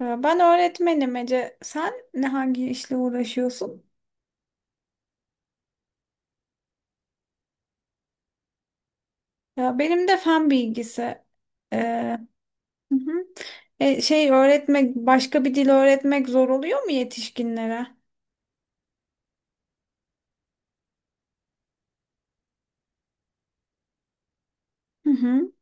Ya Ben öğretmenim Ece. Sen hangi işle uğraşıyorsun? Ya benim de fen bilgisi. Ee, hı hı. Öğretmek, başka bir dil öğretmek zor oluyor mu yetişkinlere? Hı hı.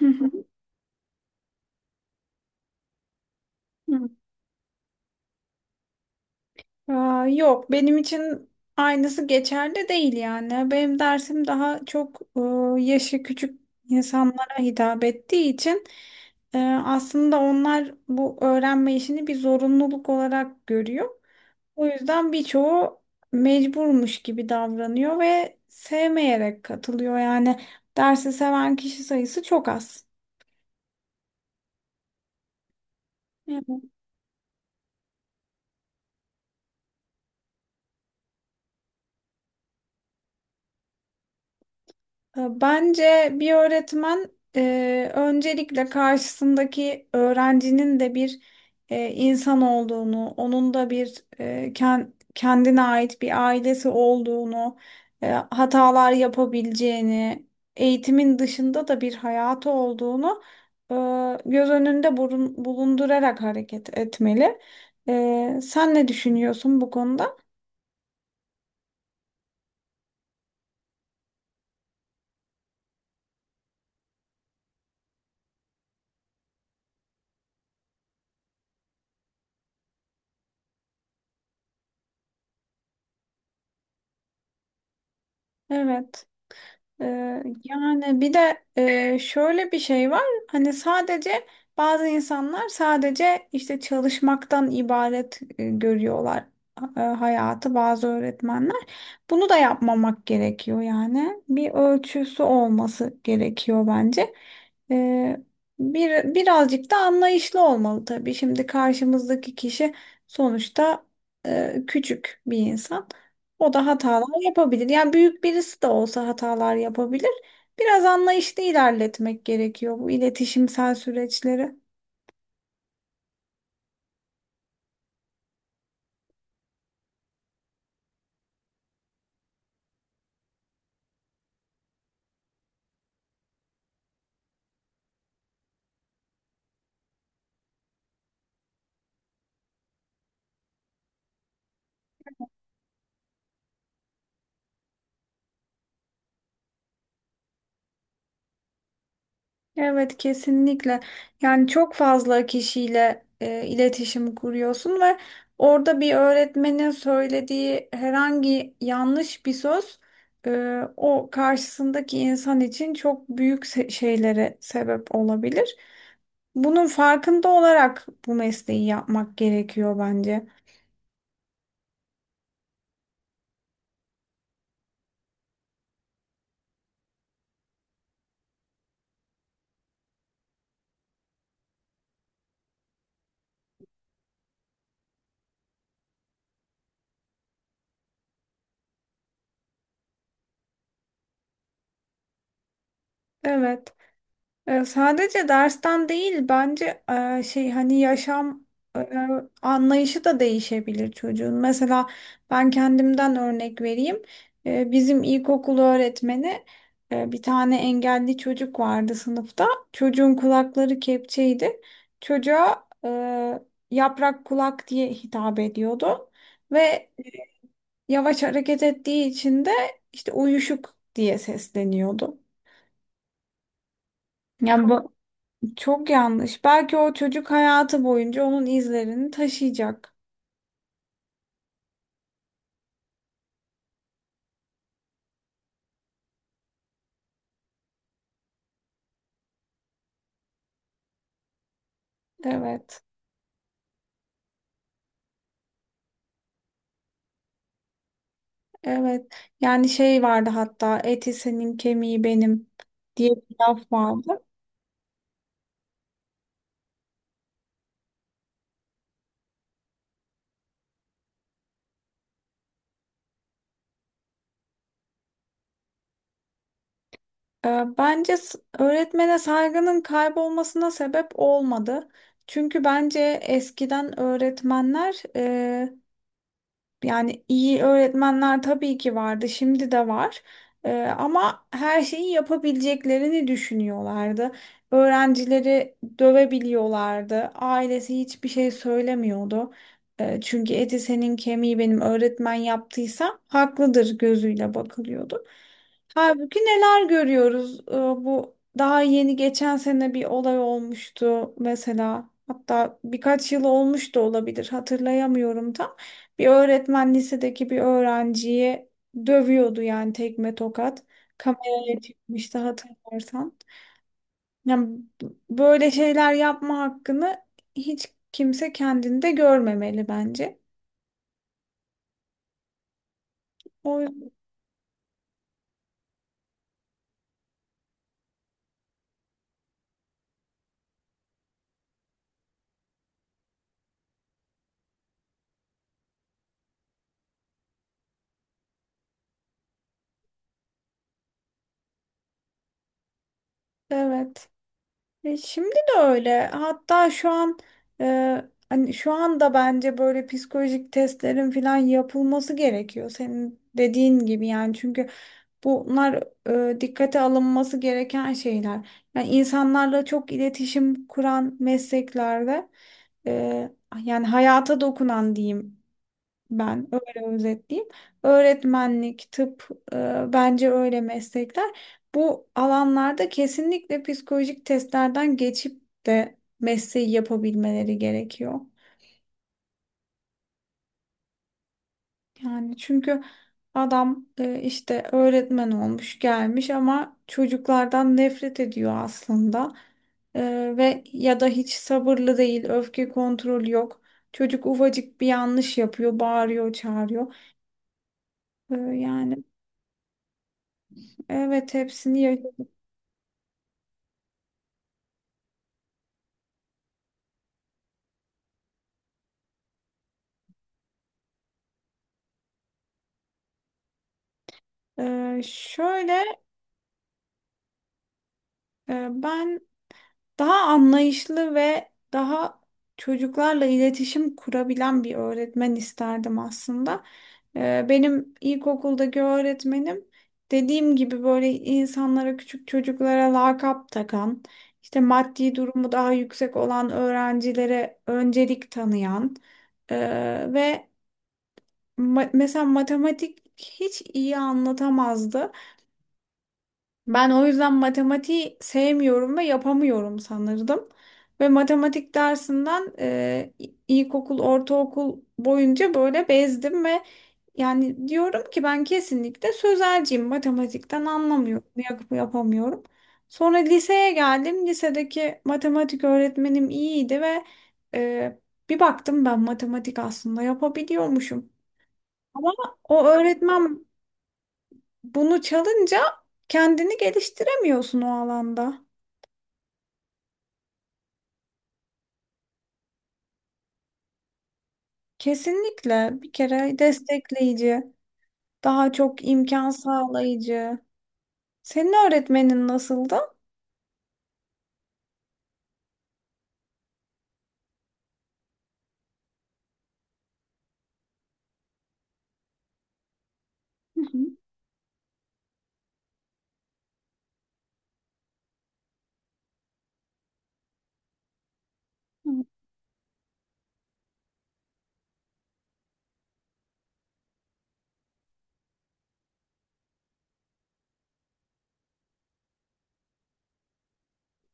Hı hı. Hı. Aa, yok, benim için aynısı geçerli değil yani. Benim dersim daha çok yaşı küçük insanlara hitap ettiği için aslında onlar bu öğrenme işini bir zorunluluk olarak görüyor. O yüzden birçoğu mecburmuş gibi davranıyor ve sevmeyerek katılıyor. Yani dersi seven kişi sayısı çok az. Bence bir öğretmen öncelikle karşısındaki öğrencinin de bir insan olduğunu, onun da bir kendine ait bir ailesi olduğunu, hatalar yapabileceğini, eğitimin dışında da bir hayatı olduğunu e, göz önünde bulundurarak hareket etmeli. Sen ne düşünüyorsun bu konuda? Evet. Yani bir de şöyle bir şey var. Hani sadece bazı insanlar sadece işte çalışmaktan ibaret görüyorlar hayatı bazı öğretmenler. Bunu da yapmamak gerekiyor yani. Bir ölçüsü olması gerekiyor bence. Ee, birazcık da anlayışlı olmalı tabii. Şimdi karşımızdaki kişi sonuçta küçük bir insan. O da hatalar yapabilir. Yani büyük birisi de olsa hatalar yapabilir. Biraz anlayışlı ilerletmek gerekiyor bu iletişimsel süreçleri. Evet, kesinlikle. Yani çok fazla kişiyle iletişim kuruyorsun ve orada bir öğretmenin söylediği herhangi yanlış bir söz o karşısındaki insan için çok büyük şeylere sebep olabilir. Bunun farkında olarak bu mesleği yapmak gerekiyor bence. Evet. Sadece dersten değil bence şey hani yaşam e, anlayışı da değişebilir çocuğun. Mesela ben kendimden örnek vereyim. Bizim ilkokul öğretmeni bir tane engelli çocuk vardı sınıfta. Çocuğun kulakları kepçeydi. Çocuğa yaprak kulak diye hitap ediyordu. Ve yavaş hareket ettiği için de işte uyuşuk diye sesleniyordu. Yani bu Çok yanlış. Belki o çocuk hayatı boyunca onun izlerini taşıyacak. Evet. Evet. Yani şey vardı, hatta eti senin kemiği benim diye bir laf vardı. Bence öğretmene saygının kaybolmasına sebep olmadı. Çünkü bence eskiden öğretmenler yani iyi öğretmenler tabii ki vardı, şimdi de var. Ee, ama her şeyi yapabileceklerini düşünüyorlardı. Öğrencileri dövebiliyorlardı. Ailesi hiçbir şey söylemiyordu. Çünkü eti senin kemiği benim, öğretmen yaptıysa haklıdır gözüyle bakılıyordu. Halbuki neler görüyoruz? Bu daha yeni geçen sene bir olay olmuştu mesela. Hatta birkaç yıl olmuş da olabilir, hatırlayamıyorum tam. Bir öğretmen lisedeki bir öğrenciyi dövüyordu, yani tekme tokat. Kameraya çıkmıştı hatırlarsan. Yani b- böyle şeyler yapma hakkını hiç kimse kendinde görmemeli bence. O yüzden evet. Şimdi de öyle. Hatta şu an hani şu anda bence böyle psikolojik testlerin falan yapılması gerekiyor. Senin dediğin gibi, yani çünkü bunlar dikkate alınması gereken şeyler. Yani insanlarla çok iletişim kuran mesleklerde e, yani hayata dokunan diyeyim, ben öyle özetleyeyim. Öğretmenlik, tıp bence öyle meslekler. Bu alanlarda kesinlikle psikolojik testlerden geçip de mesleği yapabilmeleri gerekiyor. Yani çünkü adam işte öğretmen olmuş gelmiş ama çocuklardan nefret ediyor aslında. E, ve ya da hiç sabırlı değil, öfke kontrolü yok. Çocuk ufacık bir yanlış yapıyor, bağırıyor, çağırıyor. E, yani evet hepsini. Şöyle ben daha anlayışlı ve daha çocuklarla iletişim kurabilen bir öğretmen isterdim aslında. Benim ilkokuldaki öğretmenim dediğim gibi böyle insanlara, küçük çocuklara lakap takan, işte maddi durumu daha yüksek olan öğrencilere öncelik tanıyan e, ve mesela matematik hiç iyi anlatamazdı. Ben o yüzden matematiği sevmiyorum ve yapamıyorum sanırdım. Ve matematik dersinden ilkokul, ortaokul boyunca böyle bezdim ve yani diyorum ki ben kesinlikle sözelciyim. Matematikten anlamıyorum, yapamıyorum. Sonra liseye geldim. Lisedeki matematik öğretmenim iyiydi ve e, bir baktım, ben matematik aslında yapabiliyormuşum. Ama o öğretmen bunu çalınca kendini geliştiremiyorsun o alanda. Kesinlikle bir kere destekleyici, daha çok imkan sağlayıcı. Senin öğretmenin nasıldı? Hı hı. Hı.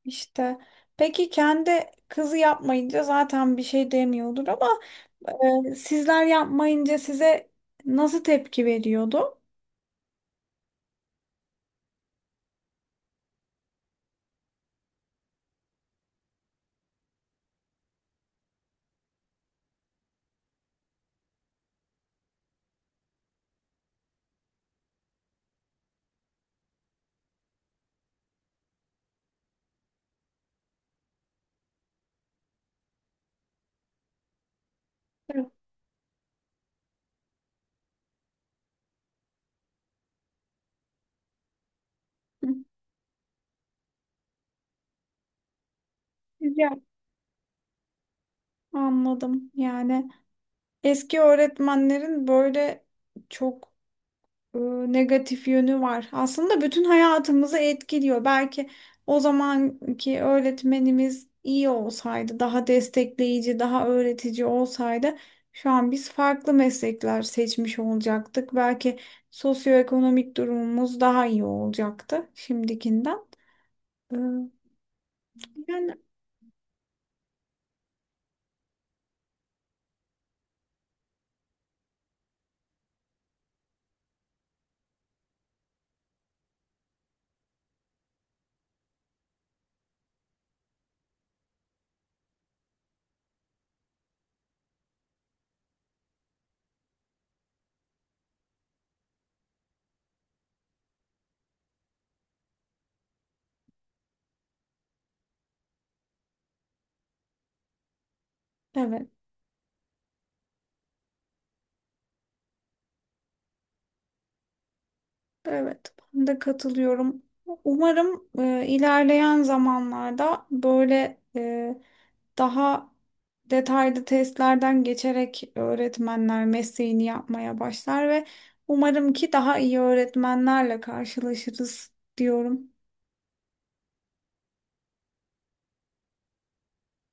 İşte, peki kendi kızı yapmayınca zaten bir şey demiyordur ama sizler yapmayınca size nasıl tepki veriyordu? Evet. Hı, güzel. Anladım. Yani eski öğretmenlerin böyle çok e, negatif yönü var. Aslında bütün hayatımızı etkiliyor. Belki o zamanki öğretmenimiz iyi olsaydı, daha destekleyici, daha öğretici olsaydı şu an biz farklı meslekler seçmiş olacaktık. Belki sosyoekonomik durumumuz daha iyi olacaktı şimdikinden. E, Yani evet, evet. Ben de katılıyorum. Umarım ilerleyen zamanlarda böyle daha detaylı testlerden geçerek öğretmenler mesleğini yapmaya başlar ve umarım ki daha iyi öğretmenlerle karşılaşırız diyorum.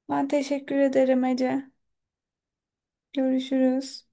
Ben teşekkür ederim Ece. Görüşürüz.